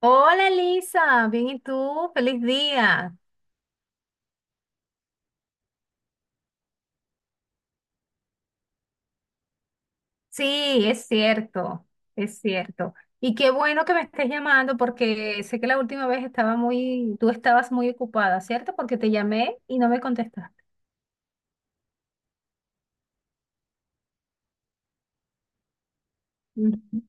Hola Lisa, bien y tú, feliz día. Sí, es cierto, es cierto. Y qué bueno que me estés llamando porque sé que la última vez estaba muy, tú estabas muy ocupada, ¿cierto? Porque te llamé y no me contestaste. Ujú.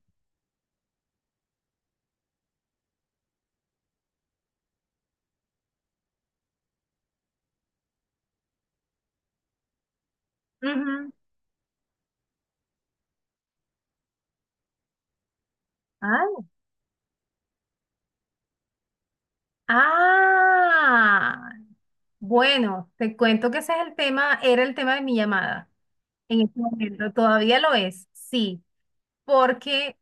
Ujú. Ah, ah, bueno, te cuento que ese es el tema, era el tema de mi llamada en este momento, todavía lo es, sí, porque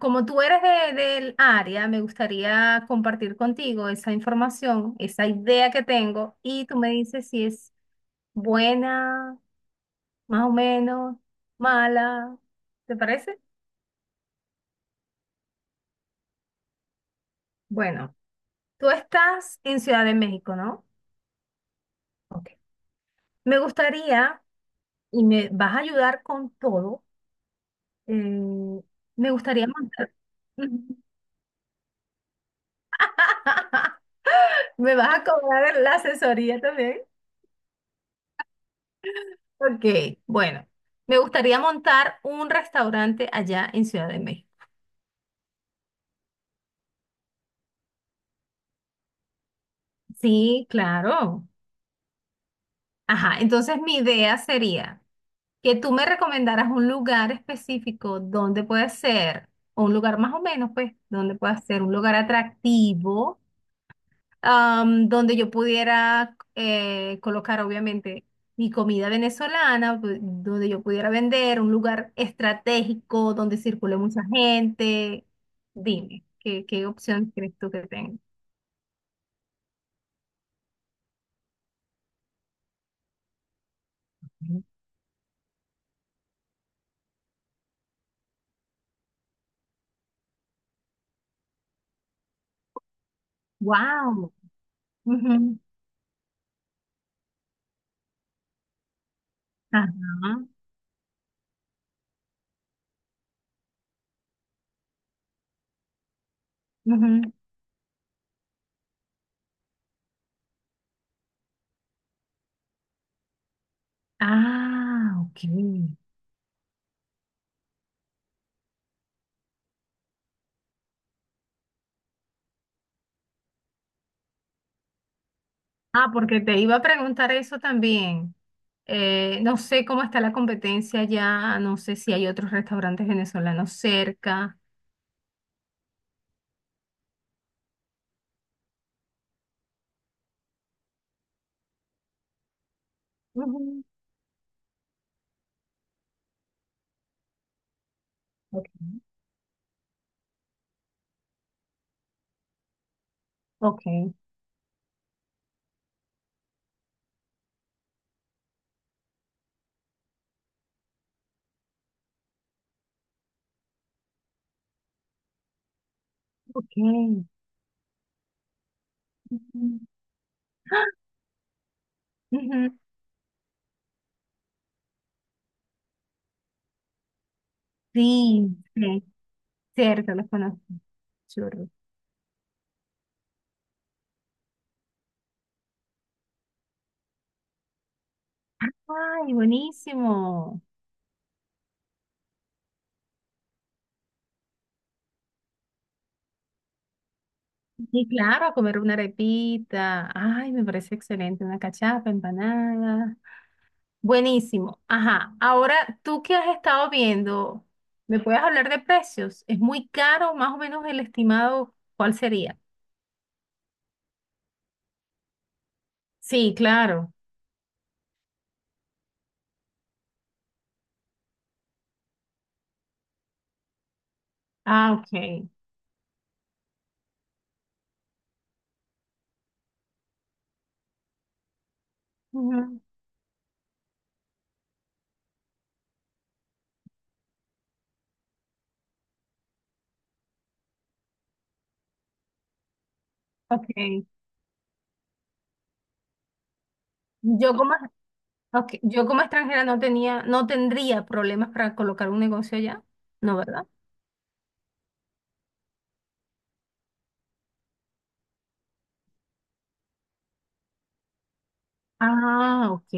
como tú eres del área, me gustaría compartir contigo esa información, esa idea que tengo, y tú me dices si es buena, más o menos, mala. ¿Te parece? Bueno, tú estás en Ciudad de México, ¿no? Ok. Me gustaría, y me vas a ayudar con todo, eh, me gustaría montar. Me vas a cobrar la asesoría también. Ok, bueno, me gustaría montar un restaurante allá en Ciudad de México. Sí, claro. Ajá, entonces mi idea sería que tú me recomendaras un lugar específico donde puede ser, o un lugar más o menos, pues, donde pueda ser un lugar atractivo, donde yo pudiera colocar obviamente mi comida venezolana, donde yo pudiera vender, un lugar estratégico donde circule mucha gente. Dime, ¿qué opción crees tú que tengo? Wow. Ajá. Ujú. Ah, ok. Ah, porque te iba a preguntar eso también. No sé cómo está la competencia allá, no sé si hay otros restaurantes venezolanos cerca. Ujú. Ok, ok. Ujú, ujú. Sí, sí, cierto, los conozco. Churros. Ay, buenísimo. Y claro, a comer una arepita. Ay, me parece excelente. Una cachapa, empanada. Buenísimo. Ajá. Ahora, ¿tú que has estado viendo? ¿Me puedes hablar de precios? ¿Es muy caro? Más o menos el estimado, ¿cuál sería? Sí, claro. Ah, ok. Ujú, ok. Yo como... Ok, yo como extranjera no tenía, no tendría problemas para colocar un negocio allá, ¿no, verdad? Ah, ok.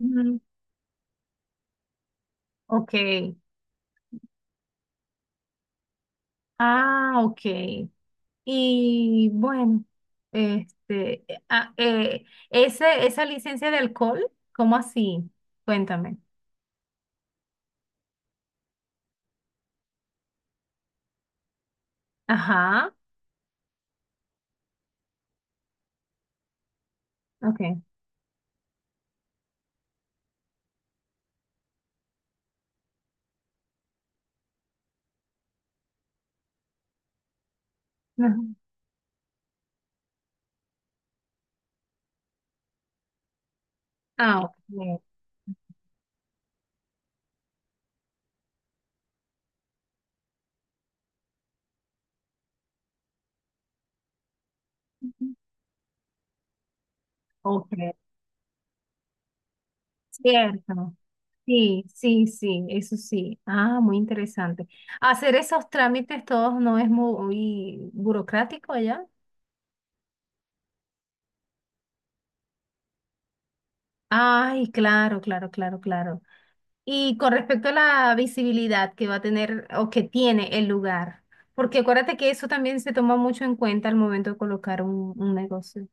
Mm, ok. Ah, ok. Y bueno, este, eh, ah, eh, esa licencia de alcohol, ¿cómo así? Cuéntame. Ajá, ok. Ajá. Ah, ok. Ok, cierto. Sí, sí, sí, eso sí. Ah, muy interesante. Hacer esos trámites todos no es muy burocrático allá. Ay, claro, claro, claro, claro. Y con respecto a la visibilidad que va a tener o que tiene el lugar, porque acuérdate que eso también se toma mucho en cuenta al momento de colocar un negocio.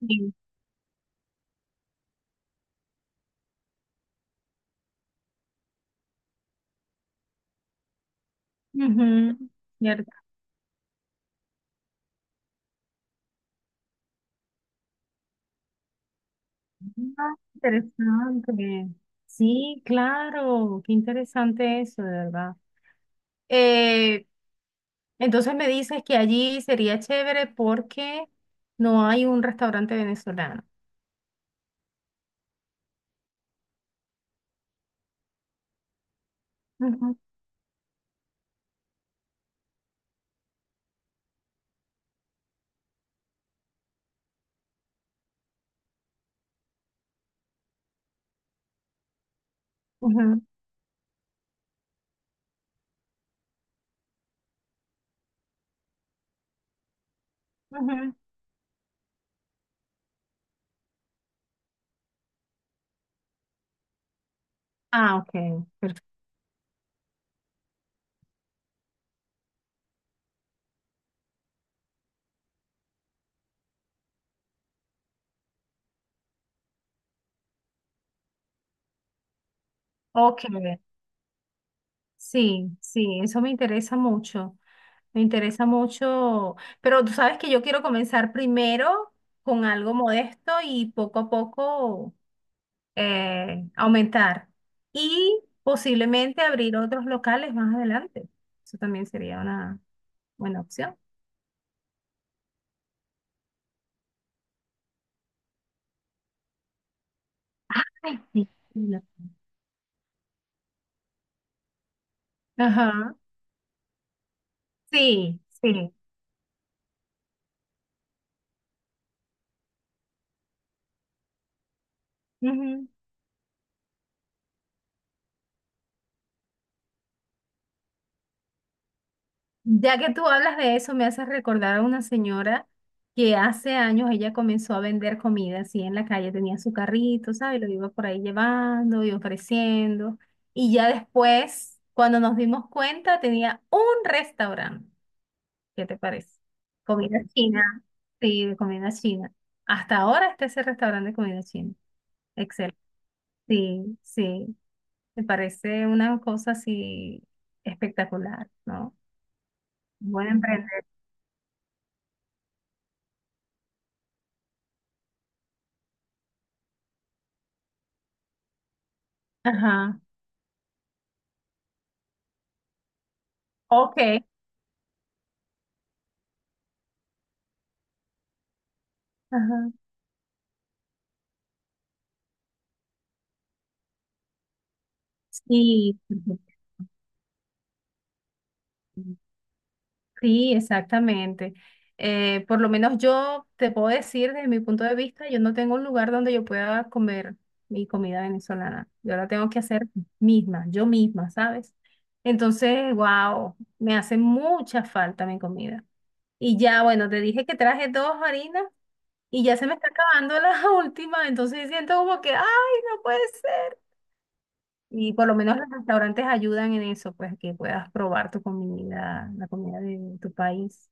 Sí. Ujú, ¿cierto? Ah, interesante. Sí, claro, qué interesante eso, de verdad. Eh, entonces me dices que allí sería chévere porque no hay un restaurante venezolano. Ujú, ujú, ujú. Ah, ok, perfecto. Ok, sí, sí, eso me interesa mucho, pero tú sabes que yo quiero comenzar primero con algo modesto y poco a poco aumentar y posiblemente abrir otros locales más adelante. Eso también sería una buena opción. Ay, sí, no. Ajá, sí, sí. Ujú. Ya que tú hablas de eso, me haces recordar a una señora que hace años ella comenzó a vender comida así en la calle, tenía su carrito, ¿sabes? Lo iba por ahí llevando y ofreciendo. Y ya después, cuando nos dimos cuenta, tenía un restaurante. ¿Qué te parece? Comida china. Sí, de comida china. Hasta ahora está ese restaurante de comida china. Excelente. Sí, sí. Me parece una cosa así espectacular, ¿no? Buen emprender. Ajá. Ok. Ajá. Sí. Sí, exactamente. Por lo menos yo te puedo decir desde mi punto de vista, yo no tengo un lugar donde yo pueda comer mi comida venezolana. Yo la tengo que hacer misma, yo misma, ¿sabes? Entonces, wow, me hace mucha falta mi comida. Y ya, bueno, te dije que traje dos harinas y ya se me está acabando la última, entonces siento como que, ay, no puede ser. Y por lo menos los restaurantes ayudan en eso, pues que puedas probar tu comida, la comida de tu país.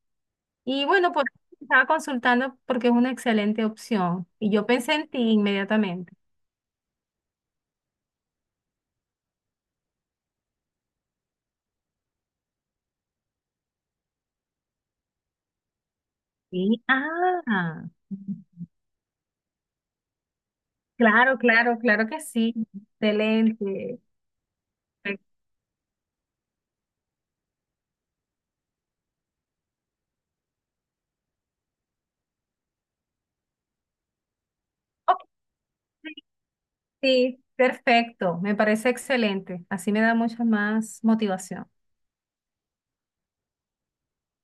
Y bueno, pues estaba consultando porque es una excelente opción. Y yo pensé en ti inmediatamente. Sí, ah, claro, claro, claro que sí. Excelente. Ok, sí, sí, perfecto. Me parece excelente. Así me da mucha más motivación.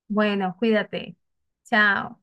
Bueno, cuídate. Chao.